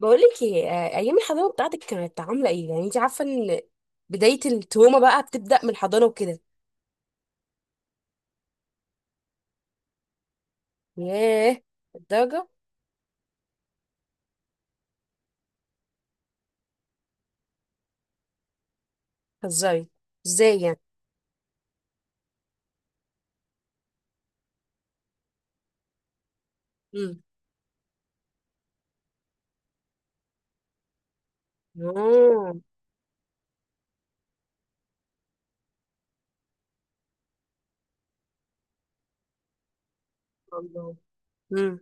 بقولك ايه، ايام الحضانه بتاعتك كانت عامله ايه؟ يعني انت عارفه ان بدايه التروما بقى بتبدا من الحضانه وكده. ياه، الدرجه. هزاري. ازاي يعني؟ امم. اه. الله. امم.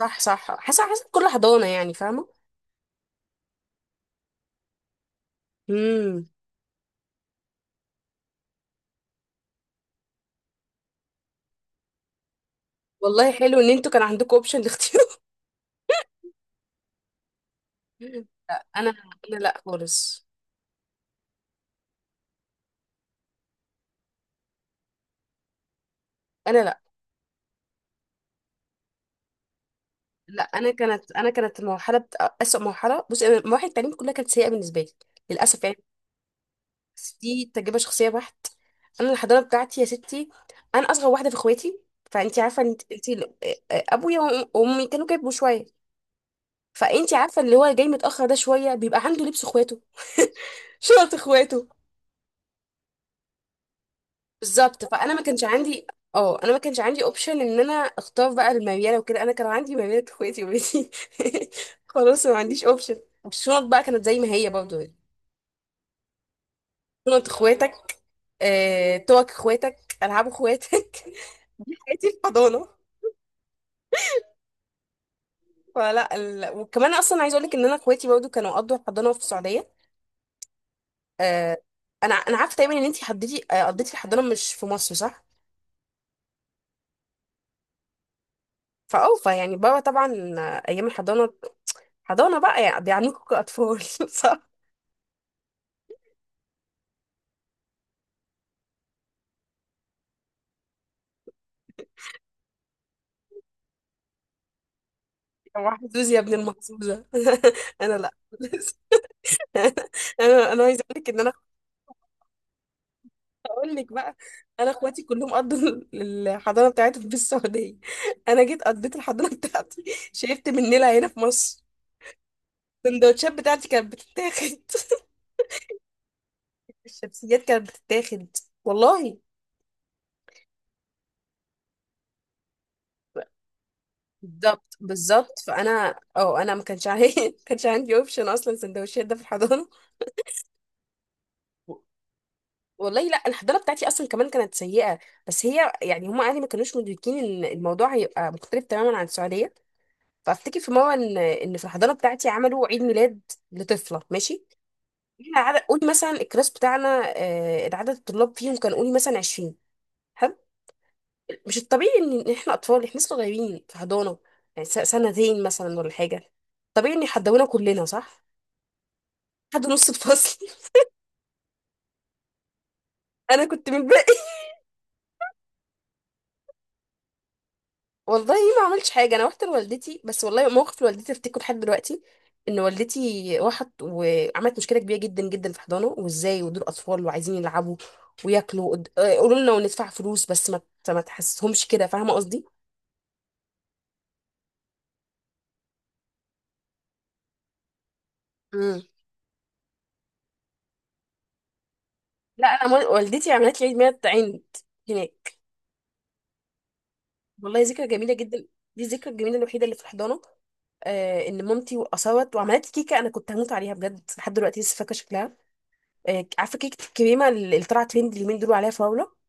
صح صح، حسب كل حضانه يعني، فاهمه. امم. والله حلو ان انتوا كان عندكم اوبشن لاختيار. لا، انا لا خالص. انا لا. لا انا كانت انا كانت المرحله بت... اسوء مرحله بصي، انا مراحل التعليم كلها كانت سيئه بالنسبه لي، للاسف يعني. بس دي تجربة شخصية بحت. انا الحضانة بتاعتي يا ستي، انا اصغر واحدة في اخواتي، فانتي عارفة ان انتي ابويا وأم- وامي كانوا كبروا شوية، فانتي عارفة اللي هو جاي متأخر ده شوية بيبقى عنده لبس اخواته. شنط اخواته. بالظبط، فانا ما كانش عندي. اه، انا ما كانش عندي اوبشن ان انا اختار بقى المريالة وكده، انا كان عندي مريالة اخواتي وبنتي. خلاص، ما عنديش اوبشن. الشنط بقى كانت زي ما هي برضه، شنط اخواتك. توك اخواتك، العاب اخواتك. دي حياتي في حضانه. وكمان اصلا عايزه اقول لك ان انا اخواتي برضو كانوا قضوا الحضانه في السعوديه. آه، انا عارفه تقريبا ان انت حضرتي، قضيتي الحضانه مش في مصر صح؟ فاوفى يعني بابا طبعا. ايام الحضانه، حضانه بقى يعني بيعنيكوا كاطفال. صح؟ يا محظوظ يا ابن المحظوظه. انا لا خالص. انا عايزه اقول لك ان انا اقول لك بقى، انا اخواتي كلهم قضوا الحضانه بتاعتهم في السعوديه. انا جيت قضيت الحضانه بتاعتي، شربت من نيلها هنا في مصر. السندوتشات بتاعتي كانت بتتاخد. الشمسيات كانت بتتاخد، والله. بالظبط بالظبط، فانا اه انا ما كانش عندي ما كانش عندي اوبشن اصلا سندوتشات ده في الحضانه. والله، لا الحضانه بتاعتي اصلا كمان كانت سيئه، بس هي يعني هم اهلي ما كانوش مدركين ان الموضوع هيبقى مختلف تماما عن السعوديه. فافتكر في مره ان في الحضانه بتاعتي عملوا عيد ميلاد لطفله، ماشي. احنا عدد قولي مثلا الكلاس بتاعنا، العدد الطلاب فيهم كان قولي مثلا 20. مش الطبيعي ان إن احنا اطفال احنا لسه صغيرين في حضانه، يعني سنتين مثلا ولا حاجه، طبيعي ان يحدونا كلنا صح؟ حد نص الفصل. انا كنت من الباقي. والله ما عملتش حاجه، انا رحت لوالدتي بس، والله موقف لوالدتي افتكره لحد دلوقتي. ان والدتي راحت وعملت مشكله كبيره جدا جدا في حضانه، وازاي ودول اطفال وعايزين يلعبوا وياكلوا قولوا لنا وندفع فلوس بس ما تحسسهمش كده، فاهمه قصدي. امم. لا، والدتي عملت لي عيد ميلاد عند هناك. والله ذكرى جميله جدا. دي الذكرى الجميله الوحيده اللي في الحضانه. ان مامتي وقصوت وعملت كيكه، انا كنت هموت عليها بجد، لحد دلوقتي لسه فاكره شكلها. عارفه كيكه الكريمه اللي طلعت ترند اليومين دول عليها فراوله؟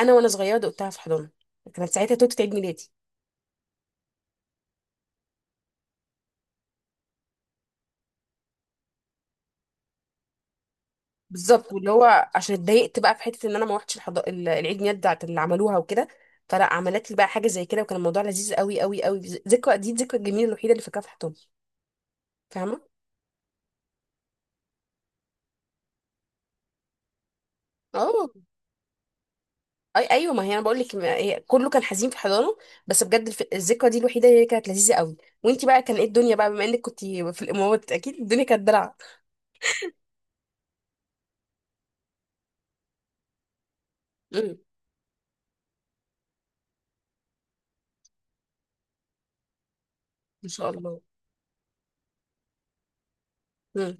انا وانا صغيره دقتها في الحضانه، كانت ساعتها توتة عيد ميلادي. بالظبط، واللي هو عشان اتضايقت بقى في حته ان انا ما العيد ميلاد بتاعت اللي عملوها وكده. فلا عملت لي بقى حاجه زي كده، وكان الموضوع لذيذ قوي قوي قوي. ذكرى، دي الذكرى الجميله الوحيده اللي فاكراها في الحضانه، فاهمه. اه. اي ايوه، ما هي انا بقول لك هي كله كان حزين في حضانه، بس بجد الذكرى دي الوحيده اللي كانت لذيذه قوي. وانتي بقى كان ايه الدنيا، بقى بما انك كنت في الامارات اكيد الدنيا كانت دلع. امم. ما شاء الله. امم.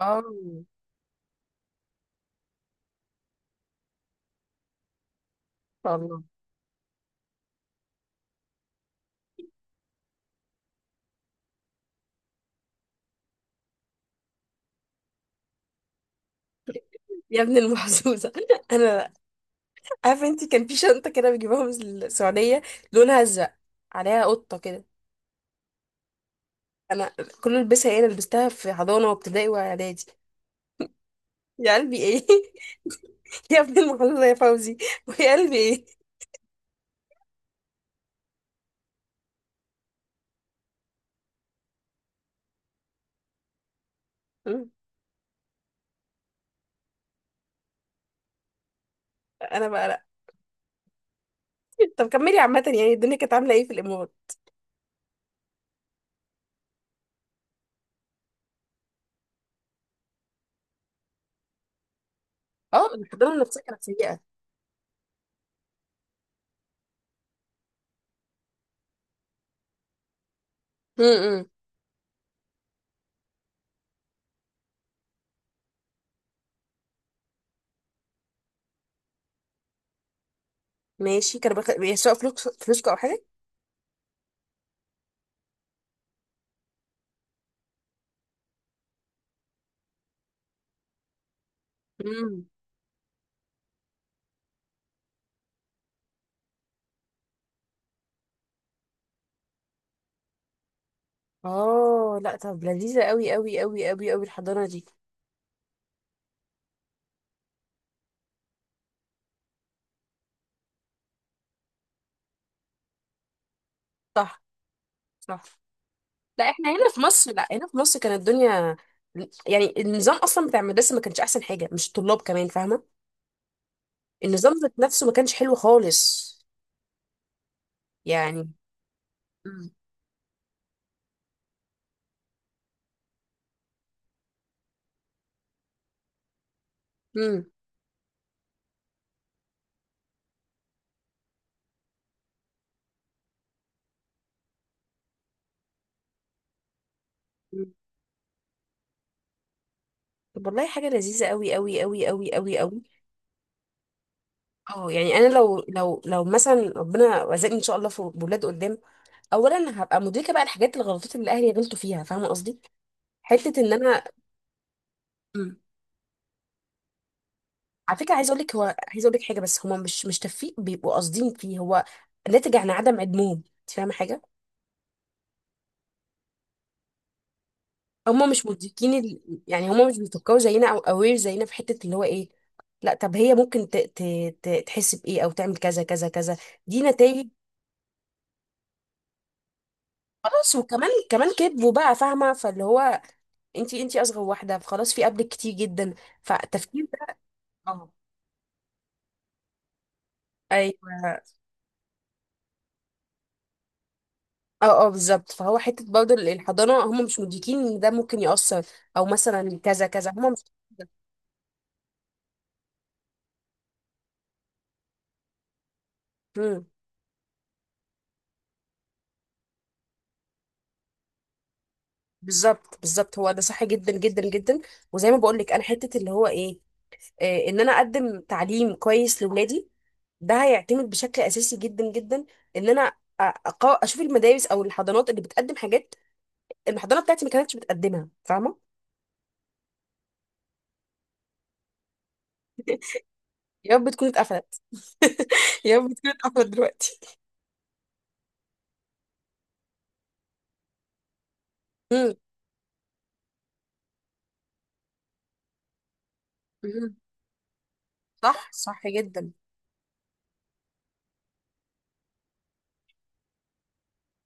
اه ما شاء الله. يا ابن المحظوظه. انا عارفه انتي كان في شنطه كده بيجيبوها من السعوديه، لونها ازرق، عليها قطه كده. انا كل البسها ايه، انا لبستها في حضانه وابتدائي واعدادي. يا قلبي ايه؟ يا ابن المحظوظه يا فوزي، ويا قلبي ايه. مم. انا بقى طب كملي عامة، يعني الدنيا كانت عاملة ايه في الإمارات؟ اه الحضانة النفسية كانت سيئة. امم. ماشي، كانوا بيسرقوا فلوس فلوسكم أو حاجة؟ امم. اه لا طب لذيذة قوي قوي قوي قوي قوي الحضانة دي. صح صح. لا احنا هنا في مصر، لا هنا في مصر كانت الدنيا، يعني النظام أصلا بتاع المدرسة ما كانش أحسن حاجة، مش الطلاب كمان، فاهمة؟ النظام ذات نفسه ما كانش حلو خالص، يعني. امم. امم. طب، والله حاجة لذيذة قوي قوي قوي قوي قوي قوي. اه، يعني انا لو مثلا ربنا رزقني ان شاء الله في بولاد قدام، اولا هبقى مدركه بقى الحاجات الغلطات اللي اهلي غلطوا فيها، فاهمه قصدي، حته ان انا. مم. على فكره عايزه اقول لك، هو عايزه اقول لك حاجه، بس هما مش تفيق بيبقوا قاصدين فيه، هو ناتج عن عدم علمهم، انت فاهمه حاجه؟ هما مش مدركين يعني هما مش بيفكروا زينا او اوير زينا في حته اللي هو ايه. لا طب هي ممكن تحس بايه او تعمل كذا كذا كذا، دي نتائج. خلاص، وكمان كمان كذبوا بقى، فاهمه، فاللي هو انتي، انتي اصغر واحده فخلاص في قبلك كتير جدا، فالتفكير ده. اه ايوه. اه اه بالظبط، فهو حته برضه الحضانه هم مش مدركين ان ده ممكن يأثر، او مثلا كذا كذا، هم مش. مم. بالظبط بالظبط، هو ده صح جدا جدا جدا. وزي ما بقول لك انا، حته اللي هو ايه، ان انا اقدم تعليم كويس لاولادي، ده هيعتمد بشكل اساسي جدا جدا ان انا أقا- اشوف المدارس او الحضانات اللي بتقدم حاجات الحضانه بتاعتي ما كانتش بتقدمها، فاهمه. يا رب تكون اتقفلت. يا ابني بتكون اتقفلت دلوقتي. مم. مم. صح صح جدا.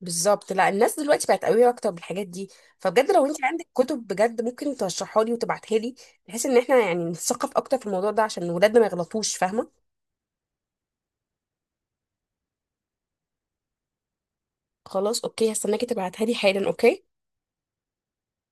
بالظبط، لا الناس دلوقتي بقت قوية اكتر بالحاجات دي، فبجد لو انت عندك كتب بجد ممكن ترشحها لي وتبعتها لي، بحيث ان احنا يعني نتثقف اكتر في الموضوع ده عشان ولادنا ما يغلطوش، فاهمة. خلاص اوكي، هستناكي تبعتها لي حالا. اوكي.